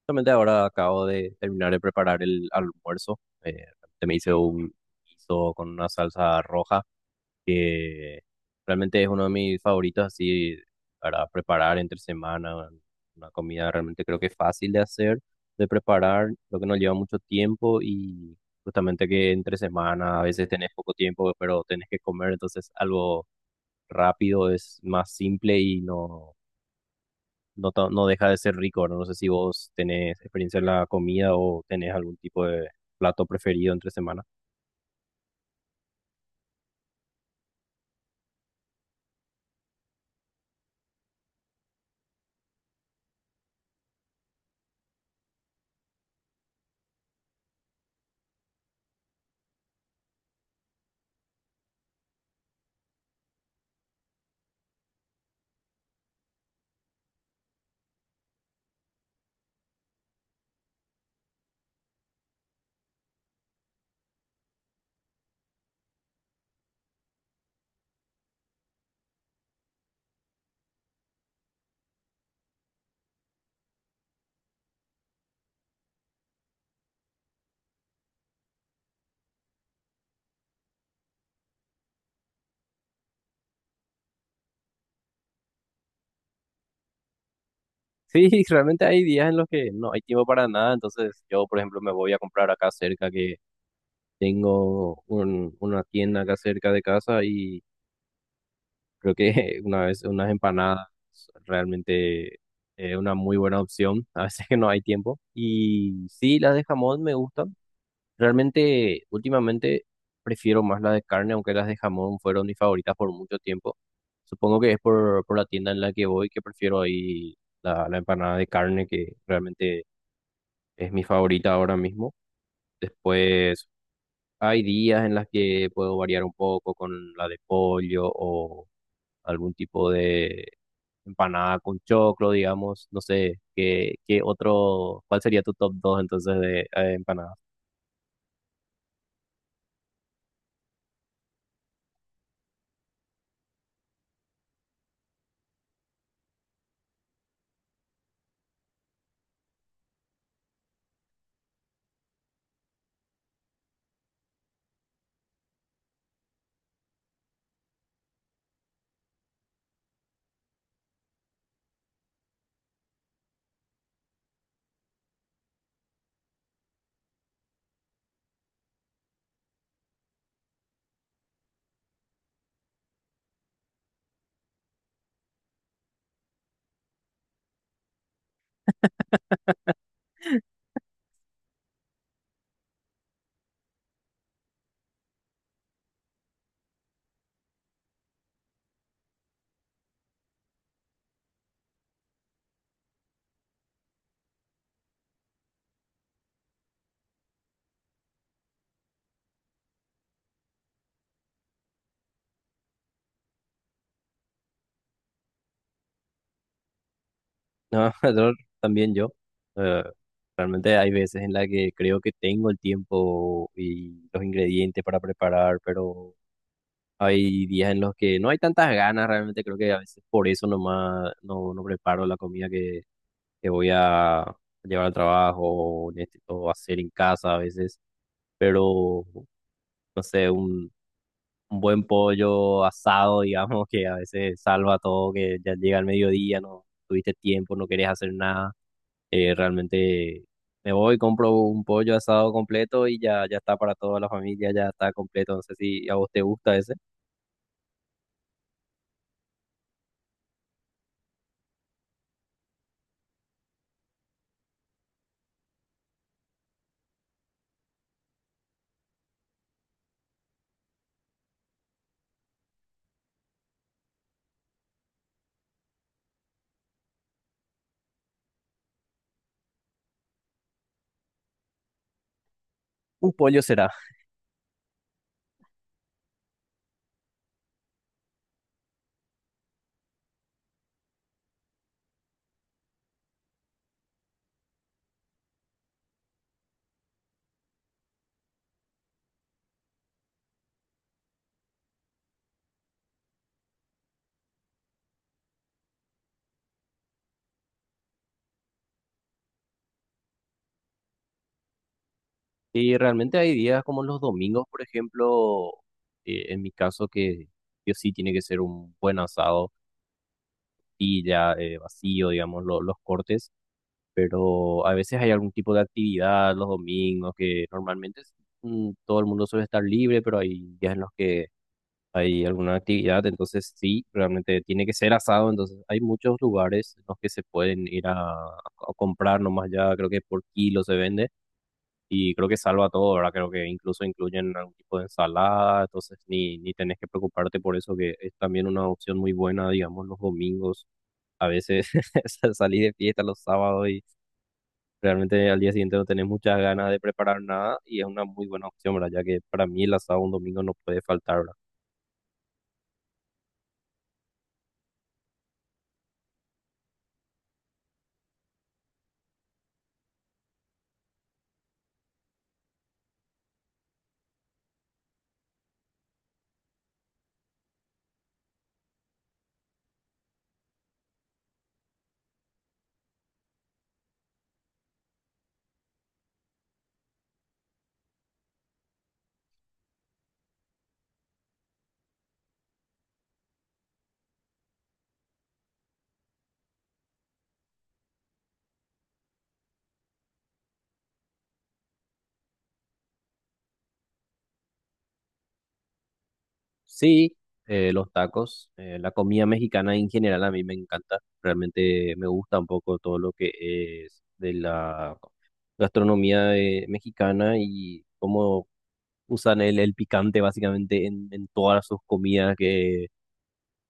Justamente ahora acabo de terminar de preparar el almuerzo. Realmente me hice un guiso con una salsa roja que realmente es uno de mis favoritos así para preparar entre semana. Una comida realmente creo que fácil de hacer, de preparar, lo que no lleva mucho tiempo y justamente que entre semana a veces tenés poco tiempo, pero tenés que comer, entonces algo rápido es más simple y no deja de ser rico, ¿verdad? No sé si vos tenés experiencia en la comida o tenés algún tipo de plato preferido entre semana. Sí, realmente hay días en los que no hay tiempo para nada, entonces yo, por ejemplo, me voy a comprar acá cerca que tengo una tienda acá cerca de casa y creo que una vez unas empanadas realmente es una muy buena opción, a veces que no hay tiempo. Y sí, las de jamón me gustan. Realmente, últimamente prefiero más las de carne, aunque las de jamón fueron mis favoritas por mucho tiempo. Supongo que es por la tienda en la que voy que prefiero ahí la empanada de carne, que realmente es mi favorita ahora mismo. Después, hay días en las que puedo variar un poco con la de pollo o algún tipo de empanada con choclo, digamos. No sé, cuál sería tu top 2 entonces de empanadas? No, yo también yo. eh, Realmente hay veces en las que creo que tengo el tiempo y los ingredientes para preparar, pero hay días en los que no hay tantas ganas, realmente creo que a veces por eso nomás no preparo la comida que voy a llevar al trabajo o necesito hacer en casa a veces, pero no sé, un buen pollo asado, digamos, que a veces salva todo, que ya llega el mediodía, no tuviste tiempo, no querés hacer nada. Realmente me voy, compro un pollo asado completo y ya, ya está para toda la familia, ya está completo. No sé si a vos te gusta ese. Un pollo será. Y realmente hay días como los domingos, por ejemplo, en mi caso que yo sí tiene que ser un buen asado y ya, vacío, digamos, los cortes. Pero a veces hay algún tipo de actividad los domingos que normalmente todo el mundo suele estar libre, pero hay días en los que hay alguna actividad, entonces sí, realmente tiene que ser asado, entonces hay muchos lugares en los que se pueden ir a comprar nomás ya, creo que por kilo se vende y creo que salva todo, ¿verdad? Creo que incluso incluyen algún tipo de ensalada, entonces ni tenés que preocuparte por eso, que es también una opción muy buena, digamos, los domingos, a veces salís de fiesta los sábados y... Realmente al día siguiente no tenés muchas ganas de preparar nada y es una muy buena opción, ¿verdad? Ya que para mí el asado un domingo no puede faltar, ¿verdad? Sí, los tacos, la comida mexicana en general a mí me encanta, realmente me gusta un poco todo lo que es de la gastronomía mexicana y cómo usan el picante básicamente en todas sus comidas que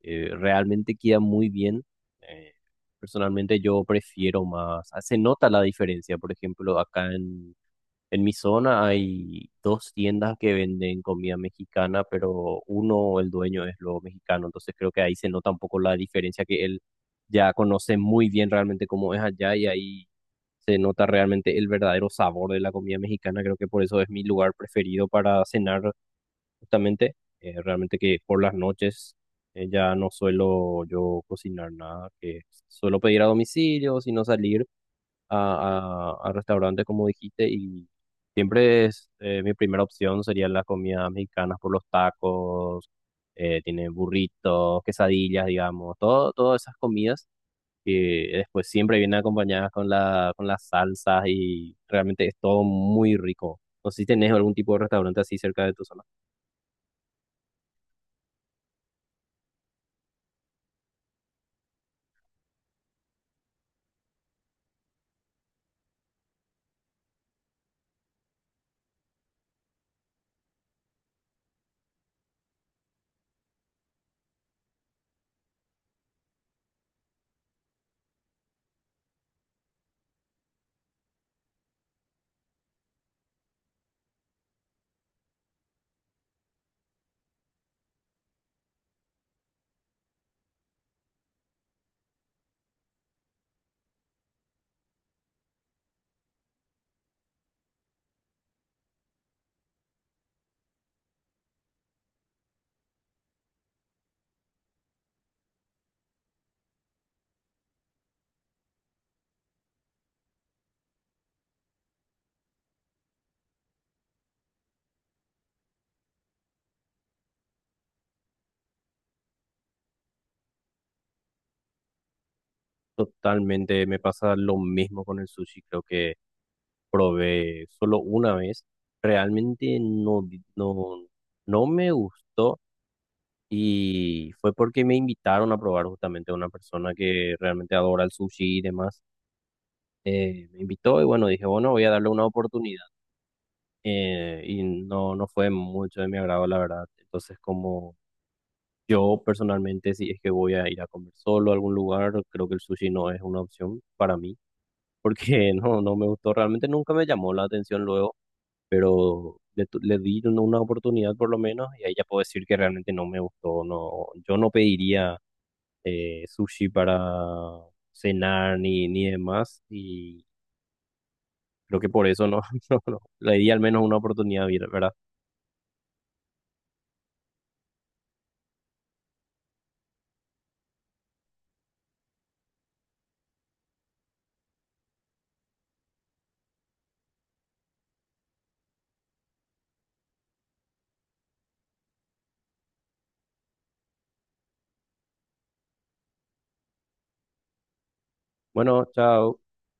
realmente queda muy bien. Eh, Personalmente yo prefiero más, ah, se nota la diferencia, por ejemplo, acá en mi zona hay dos tiendas que venden comida mexicana, pero uno, el dueño es lo mexicano, entonces creo que ahí se nota un poco la diferencia que él ya conoce muy bien realmente cómo es allá y ahí se nota realmente el verdadero sabor de la comida mexicana. Creo que por eso es mi lugar preferido para cenar justamente, realmente que por las noches ya no suelo yo cocinar nada, que suelo pedir a domicilio, sino salir a restaurantes, como dijiste, y siempre es mi primera opción serían las comidas mexicanas por los tacos, tiene burritos, quesadillas, digamos, todas esas comidas que después siempre vienen acompañadas con con las salsas y realmente es todo muy rico. No sé si tenés algún tipo de restaurante así cerca de tu zona. Totalmente, me pasa lo mismo con el sushi, creo que probé solo una vez. Realmente no, no me gustó. Y fue porque me invitaron a probar justamente a una persona que realmente adora el sushi y demás. Me invitó y bueno, dije, bueno, voy a darle una oportunidad. Y no, no fue mucho de mi agrado, la verdad. Entonces, como yo personalmente, si es que voy a ir a comer solo a algún lugar, creo que el sushi no es una opción para mí, porque no, no me gustó, realmente nunca me llamó la atención luego, pero le di una oportunidad por lo menos y ahí ya puedo decir que realmente no me gustó. No, yo no pediría sushi para cenar ni demás. Y creo que por eso no, no, no, le di al menos una oportunidad, ¿verdad? Bueno, chao.